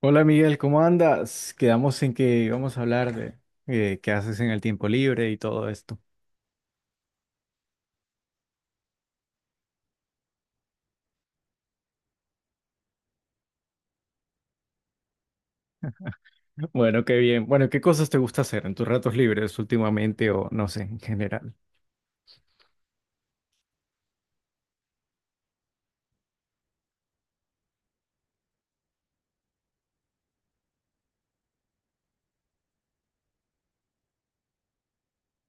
Hola Miguel, ¿cómo andas? Quedamos en que vamos a hablar de qué haces en el tiempo libre y todo esto. Bueno, qué bien. Bueno, ¿qué cosas te gusta hacer en tus ratos libres últimamente o no sé, en general?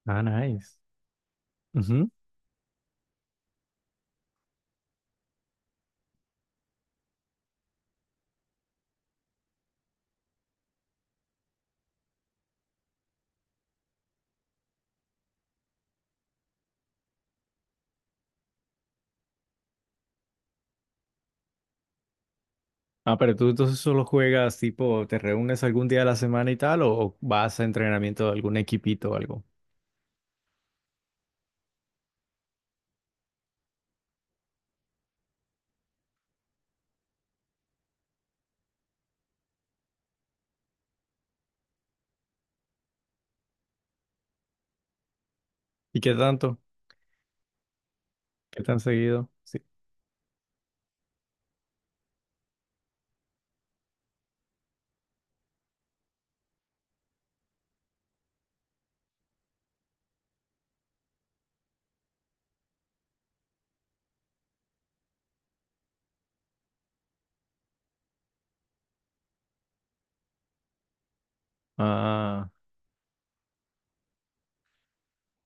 Ah, nice. Ujú. Ah, pero tú entonces solo juegas, tipo, ¿te reúnes algún día de la semana y tal o vas a entrenamiento de algún equipito o algo? ¿Y qué tanto? ¿Qué tan seguido? Sí.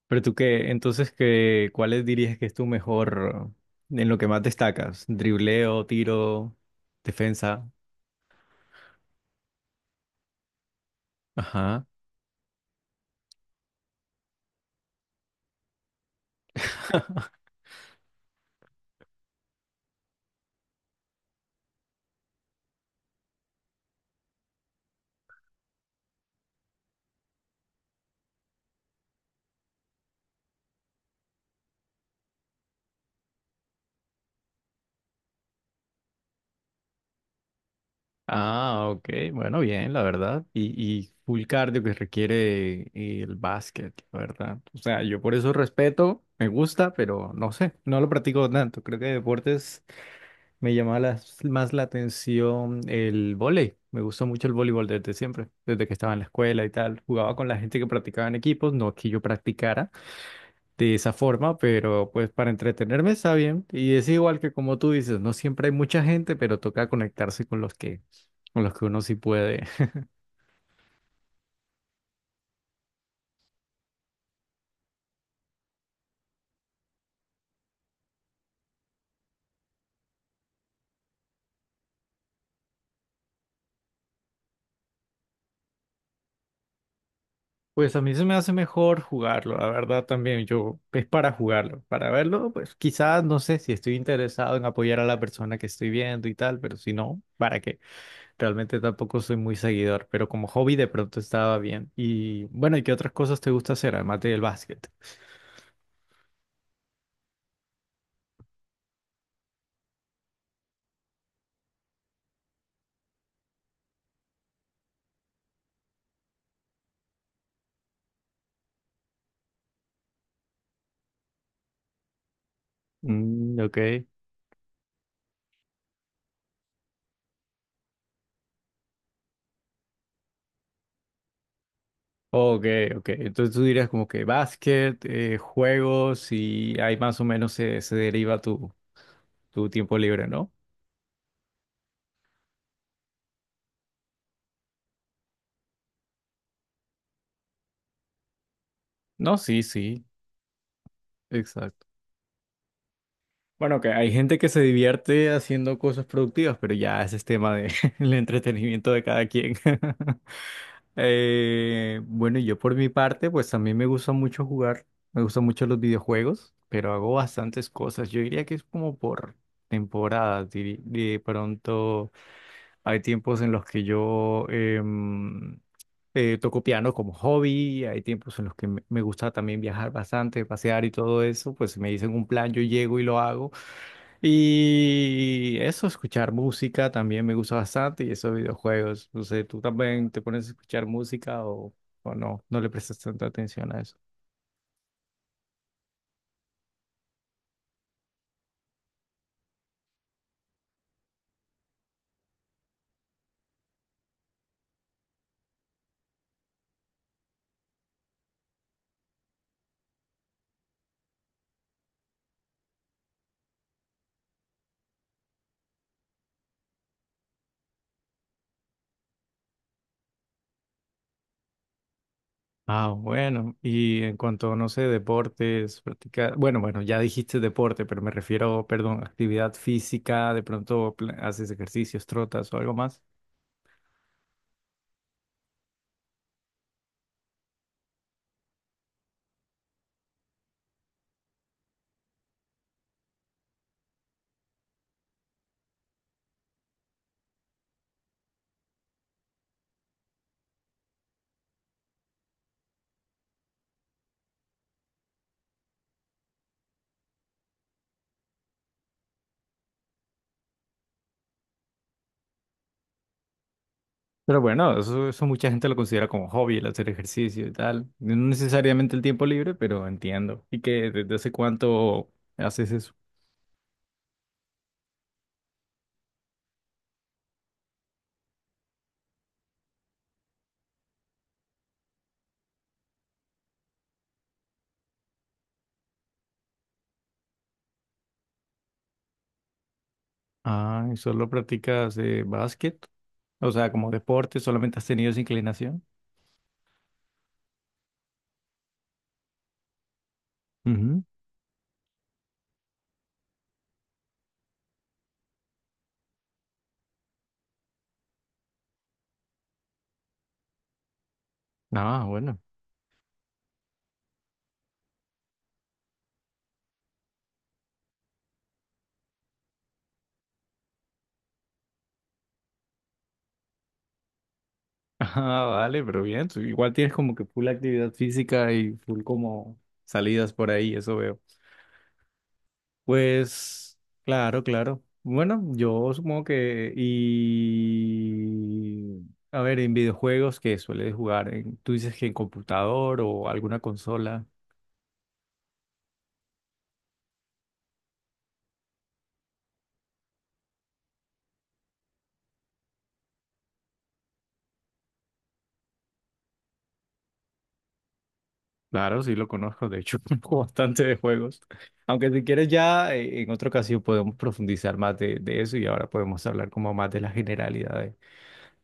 Pero tú qué, entonces qué, ¿cuáles dirías que es tu mejor, en lo que más destacas? Dribleo, tiro, defensa. Ajá. Ah, ok. Bueno, bien, la verdad. Y full cardio que requiere el básquet, la verdad. O sea, yo por eso respeto, me gusta, pero no sé, no lo practico tanto. Creo que deportes Me llamaba más la atención el vóley. Me gustó mucho el voleibol desde siempre, desde que estaba en la escuela y tal. Jugaba con la gente que practicaba en equipos, no que yo practicara de esa forma, pero pues para entretenerme está bien. Y es igual que como tú dices, no siempre hay mucha gente, pero toca conectarse con los que uno sí puede. Pues a mí se me hace mejor jugarlo, la verdad también. Yo es para jugarlo, para verlo, pues quizás no sé si estoy interesado en apoyar a la persona que estoy viendo y tal, pero si no, ¿para qué? Realmente tampoco soy muy seguidor, pero como hobby de pronto estaba bien. Y bueno, ¿y qué otras cosas te gusta hacer además del básquet? Mm, ok. Ok, ok. Entonces tú dirías como que básquet, juegos y ahí más o menos se deriva tu tiempo libre, ¿no? No, sí, sí, exacto. Bueno, que hay gente que se divierte haciendo cosas productivas, pero ya ese es tema de el entretenimiento de cada quien. Bueno, yo por mi parte, pues también me gusta mucho jugar, me gustan mucho los videojuegos, pero hago bastantes cosas. Yo diría que es como por temporadas. De pronto hay tiempos en los que yo toco piano como hobby, hay tiempos en los que me gusta también viajar bastante, pasear y todo eso, pues si me dicen un plan, yo llego y lo hago. Y eso, escuchar música también me gusta bastante y esos videojuegos. No sé, ¿tú también te pones a escuchar música o no? No le prestas tanta atención a eso. Ah, bueno. Y en cuanto, no sé, deportes, practicar, bueno, bueno, ya dijiste deporte, pero me refiero, perdón, actividad física, de pronto haces ejercicios, trotas o algo más. Pero bueno, eso mucha gente lo considera como hobby, el hacer ejercicio y tal. No necesariamente el tiempo libre, pero entiendo. ¿Y que desde hace cuánto haces eso? Ah, ¿y solo practicas básquet? O sea, como deporte, solamente has tenido esa inclinación. Ujú. Ah, bueno. Ah, vale, pero bien. Tú igual tienes como que full actividad física y full como salidas por ahí, eso veo. Pues, claro, claro. Bueno, yo supongo que. Y. A ver, en videojuegos que sueles jugar, tú dices que en computador o alguna consola. Claro, sí lo conozco, de hecho, conozco bastante de juegos. Aunque si quieres ya en otra ocasión podemos profundizar más de eso y ahora podemos hablar como más de la generalidad de,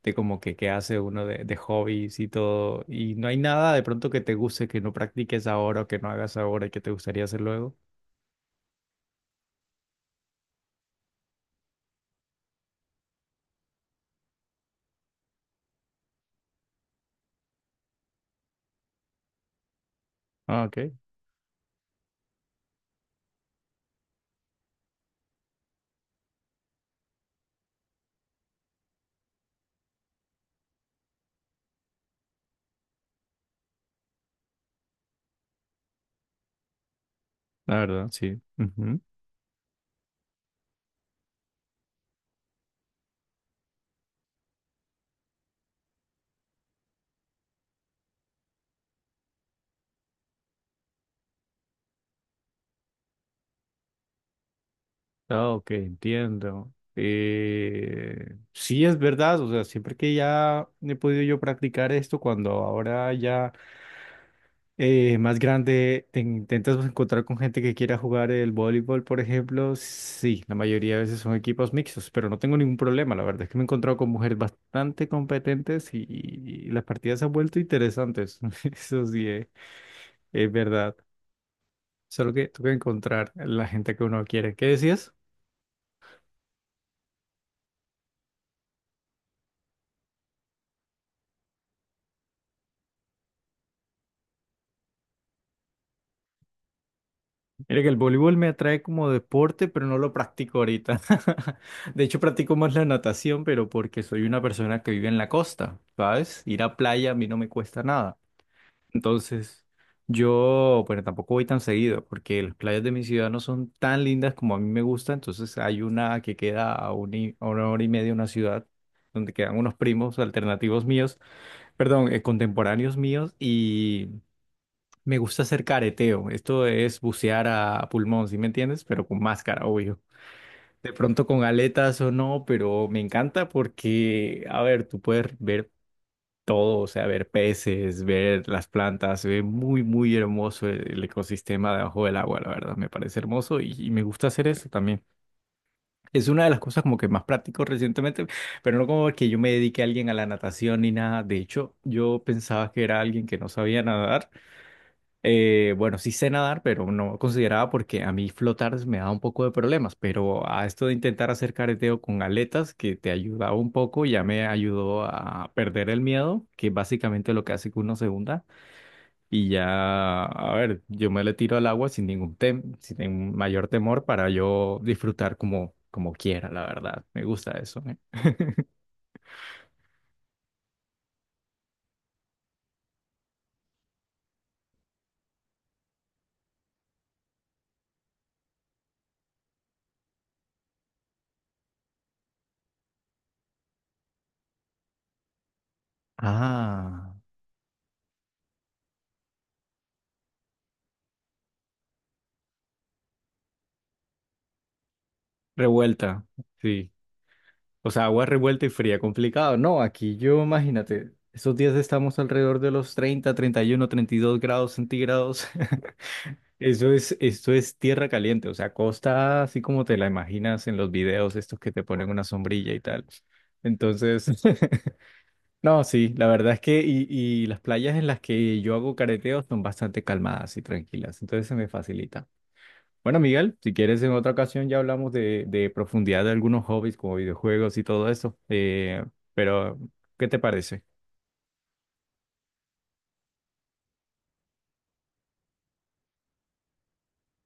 de como que qué hace uno de hobbies y todo. Y no hay nada de pronto que te guste, que no practiques ahora o que no hagas ahora y que te gustaría hacer luego. Ah, ok, la verdad, sí. Ujú. Ah, ok, entiendo. Sí, es verdad, o sea, siempre que ya he podido yo practicar esto, cuando ahora ya, más grande, te intentas encontrar con gente que quiera jugar el voleibol, por ejemplo. Sí, la mayoría de veces son equipos mixtos, pero no tengo ningún problema. La verdad es que me he encontrado con mujeres bastante competentes y las partidas se han vuelto interesantes. Eso sí, es verdad. Solo que tengo que encontrar la gente que uno quiere. ¿Qué decías? Mira que el voleibol me atrae como deporte, pero no lo practico ahorita. De hecho, practico más la natación, pero porque soy una persona que vive en la costa, ¿sabes? Ir a playa a mí no me cuesta nada. Entonces, yo, bueno, tampoco voy tan seguido porque las playas de mi ciudad no son tan lindas como a mí me gusta. Entonces, hay una que queda a una hora y media de una ciudad donde quedan unos primos alternativos míos, perdón, contemporáneos míos y me gusta hacer careteo. Esto es bucear a pulmón, ¿sí me entiendes? Pero con máscara, obvio. De pronto con aletas o no, pero me encanta porque, a ver, tú puedes ver todo, o sea, ver peces, ver las plantas, se ve muy, muy hermoso el ecosistema debajo del agua, la verdad, me parece hermoso y me gusta hacer eso también. Es una de las cosas como que más practico recientemente, pero no como que yo me dedique a alguien a la natación ni nada. De hecho, yo pensaba que era alguien que no sabía nadar, bueno, sí sé nadar, pero no consideraba porque a mí flotar me da un poco de problemas, pero a esto de intentar hacer careteo con aletas, que te ayudaba un poco, ya me ayudó a perder el miedo, que es básicamente lo que hace que uno se hunda, y ya, a ver, yo me le tiro al agua sin ningún mayor temor para yo disfrutar como quiera, la verdad, me gusta eso, ¿eh? Ah, revuelta, sí. O sea, agua revuelta y fría, complicado. No, aquí yo, imagínate, esos días estamos alrededor de los 30 31 32 grados centígrados. Esto es tierra caliente, o sea, costa así como te la imaginas en los videos estos que te ponen una sombrilla y tal. Entonces, no, sí, la verdad es que y las playas en las que yo hago careteo son bastante calmadas y tranquilas, entonces se me facilita. Bueno, Miguel, si quieres en otra ocasión ya hablamos de profundidad de algunos hobbies como videojuegos y todo eso. Pero, ¿qué te parece?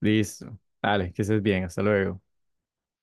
Listo. Dale, que estés bien. Hasta luego.